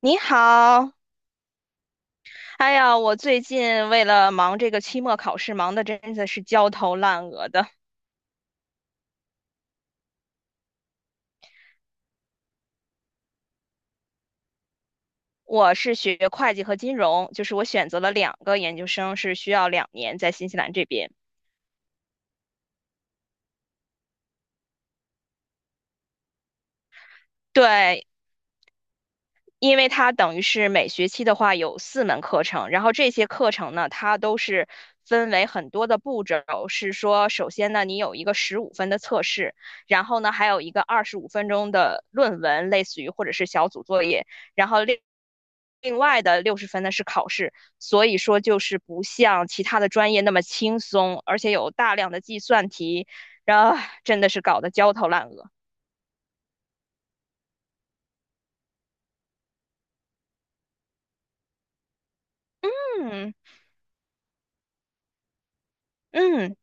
你好，哎呀，我最近为了忙这个期末考试，忙的真的是焦头烂额的。我是学会计和金融，就是我选择了两个研究生，是需要2年在新西兰这边。对，因为它等于是每学期的话有4门课程，然后这些课程呢，它都是分为很多的步骤，是说首先呢，你有一个十五分的测试，然后呢，还有一个25分钟的论文，类似于或者是小组作业，然后另外的六十分呢是考试，所以说就是不像其他的专业那么轻松，而且有大量的计算题，然后真的是搞得焦头烂额。嗯嗯。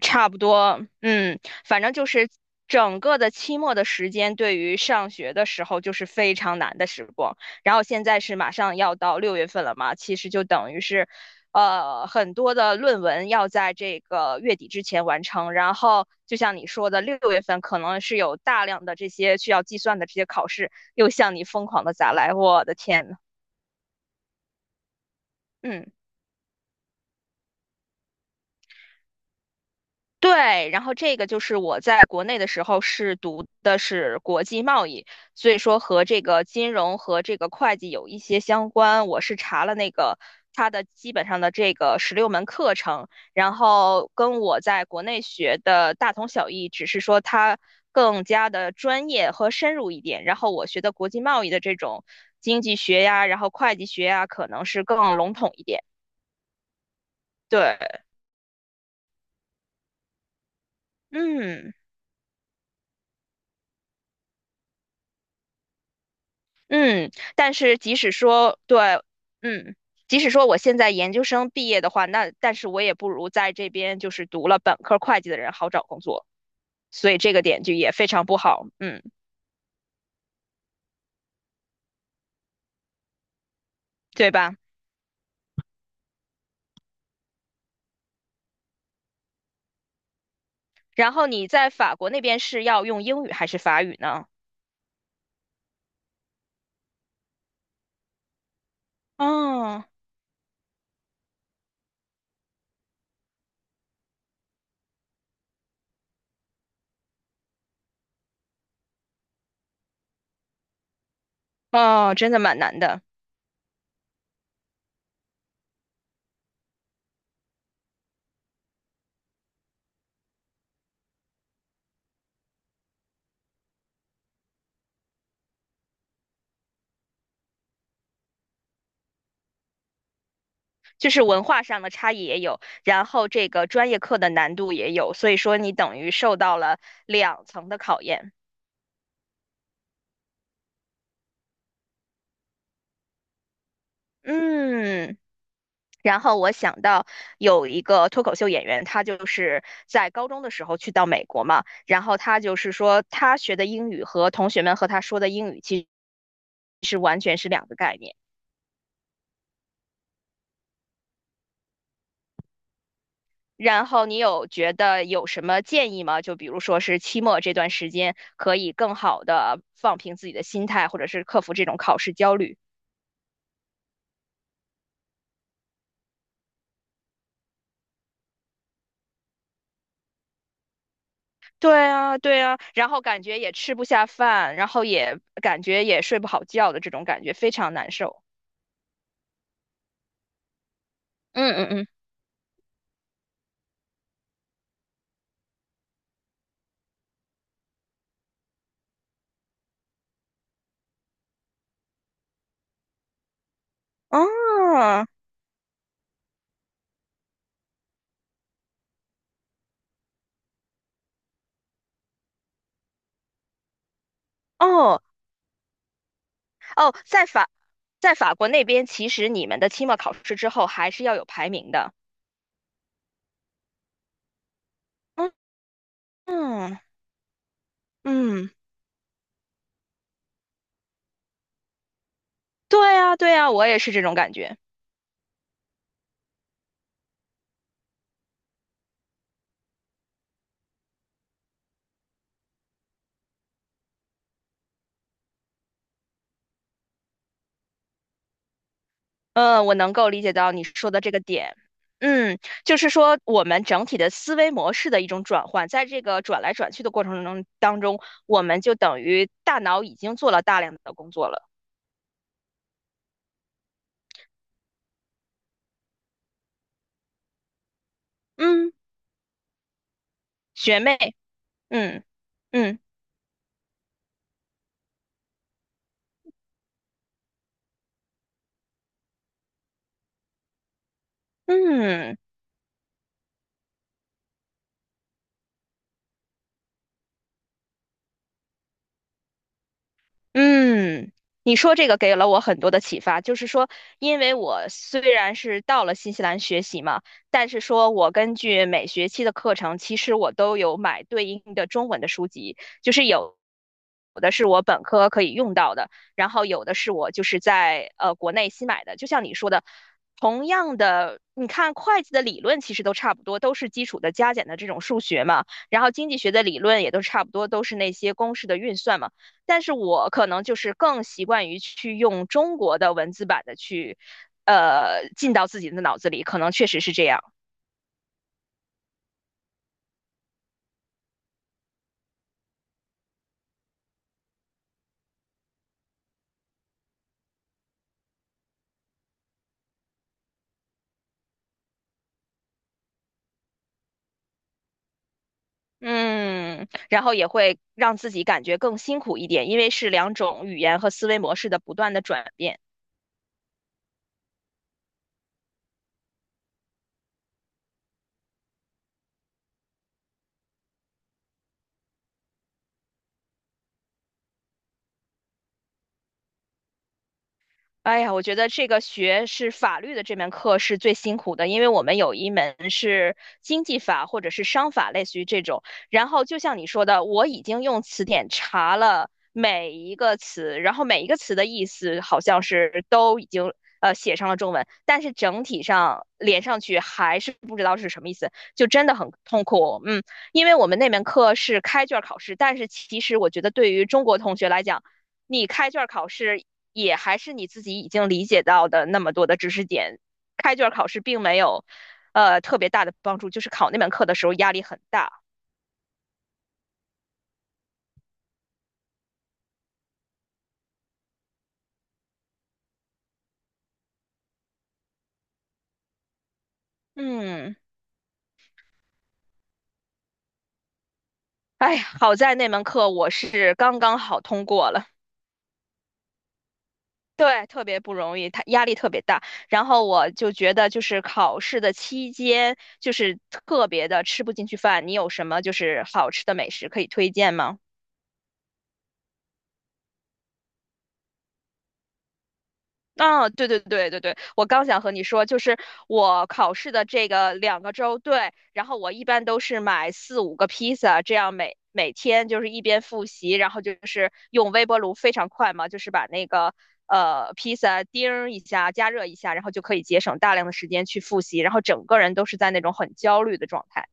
差不多，嗯，反正就是整个的期末的时间，对于上学的时候就是非常难的时光。然后现在是马上要到六月份了嘛，其实就等于是，很多的论文要在这个月底之前完成。然后就像你说的，六月份可能是有大量的这些需要计算的这些考试，又向你疯狂的砸来，我的天呐，嗯。对，然后这个就是我在国内的时候是读的是国际贸易，所以说和这个金融和这个会计有一些相关。我是查了那个它的基本上的这个16门课程，然后跟我在国内学的大同小异，只是说它更加的专业和深入一点。然后我学的国际贸易的这种经济学呀，然后会计学呀，可能是更笼统一点。对，嗯。嗯，但是即使说对，嗯，即使说我现在研究生毕业的话，那但是我也不如在这边就是读了本科会计的人好找工作，所以这个点就也非常不好，嗯，对吧？然后你在法国那边是要用英语还是法语呢？哦哦，真的蛮难的，就是文化上的差异也有，然后这个专业课的难度也有，所以说你等于受到了两层的考验，嗯。然后我想到有一个脱口秀演员，他就是在高中的时候去到美国嘛，然后他就是说他学的英语和同学们和他说的英语其实是完全是两个概念。然后你有觉得有什么建议吗？就比如说是期末这段时间可以更好的放平自己的心态，或者是克服这种考试焦虑。对啊，对啊，然后感觉也吃不下饭，然后也感觉也睡不好觉的这种感觉，非常难受。嗯嗯嗯。哦哦哦，在法国那边，其实你们的期末考试之后还是要有排名的。嗯嗯嗯，对呀对呀，我也是这种感觉。嗯，我能够理解到你说的这个点。嗯，就是说我们整体的思维模式的一种转换，在这个转来转去的过程中当中，我们就等于大脑已经做了大量的工作了。嗯，学妹，嗯嗯嗯。嗯，你说这个给了我很多的启发，就是说，因为我虽然是到了新西兰学习嘛，但是说我根据每学期的课程，其实我都有买对应的中文的书籍，就是有有的是我本科可以用到的，然后有的是我就是在国内新买的，就像你说的，同样的，你看会计的理论其实都差不多，都是基础的加减的这种数学嘛，然后经济学的理论也都差不多，都是那些公式的运算嘛。但是我可能就是更习惯于去用中国的文字版的去，进到自己的脑子里，可能确实是这样。嗯，然后也会让自己感觉更辛苦一点，因为是两种语言和思维模式的不断的转变。哎呀，我觉得这个学是法律的这门课是最辛苦的，因为我们有一门是经济法或者是商法，类似于这种。然后就像你说的，我已经用词典查了每一个词，然后每一个词的意思好像是都已经写上了中文，但是整体上连上去还是不知道是什么意思，就真的很痛苦。嗯，因为我们那门课是开卷考试，但是其实我觉得对于中国同学来讲，你开卷考试也还是你自己已经理解到的那么多的知识点，开卷考试并没有特别大的帮助，就是考那门课的时候压力很大。嗯，哎呀，好在那门课我是刚刚好通过了。对，特别不容易，他压力特别大。然后我就觉得，就是考试的期间，就是特别的吃不进去饭。你有什么就是好吃的美食可以推荐吗？啊，对对对对对，我刚想和你说，就是我考试的这个2个周，对，然后我一般都是买四五个披萨，这样每天就是一边复习，然后就是用微波炉非常快嘛，就是把那个披萨叮儿一下，加热一下，然后就可以节省大量的时间去复习，然后整个人都是在那种很焦虑的状态。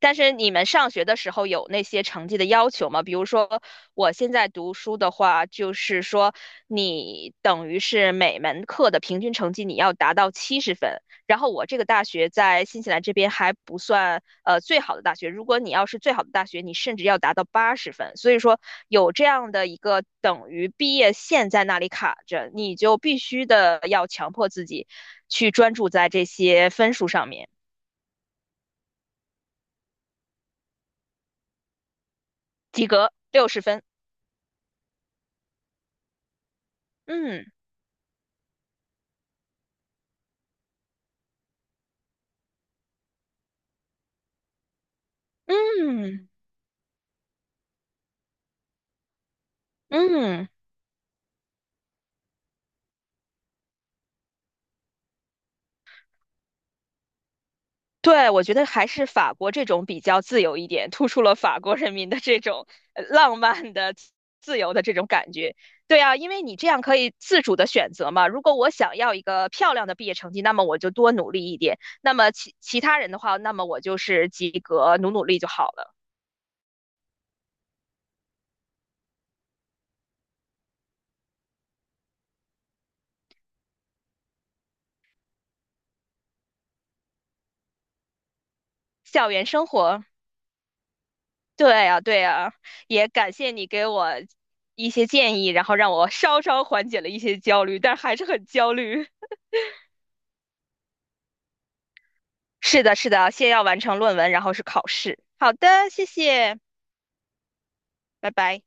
但是你们上学的时候有那些成绩的要求吗？比如说我现在读书的话，就是说你等于是每门课的平均成绩你要达到70分。然后我这个大学在新西兰这边还不算最好的大学，如果你要是最好的大学，你甚至要达到80分。所以说有这样的一个等于毕业线在那里卡着，你就必须的要强迫自己去专注在这些分数上面，及格六十分。嗯。嗯嗯，对，我觉得还是法国这种比较自由一点，突出了法国人民的这种浪漫的、自由的这种感觉。对啊，因为你这样可以自主的选择嘛。如果我想要一个漂亮的毕业成绩，那么我就多努力一点；那么其他人的话，那么我就是及格，努努力就好了。校园生活，对啊，对啊，也感谢你给我一些建议，然后让我稍稍缓解了一些焦虑，但还是很焦虑。是的，是的，先要完成论文，然后是考试。好的，谢谢，拜拜。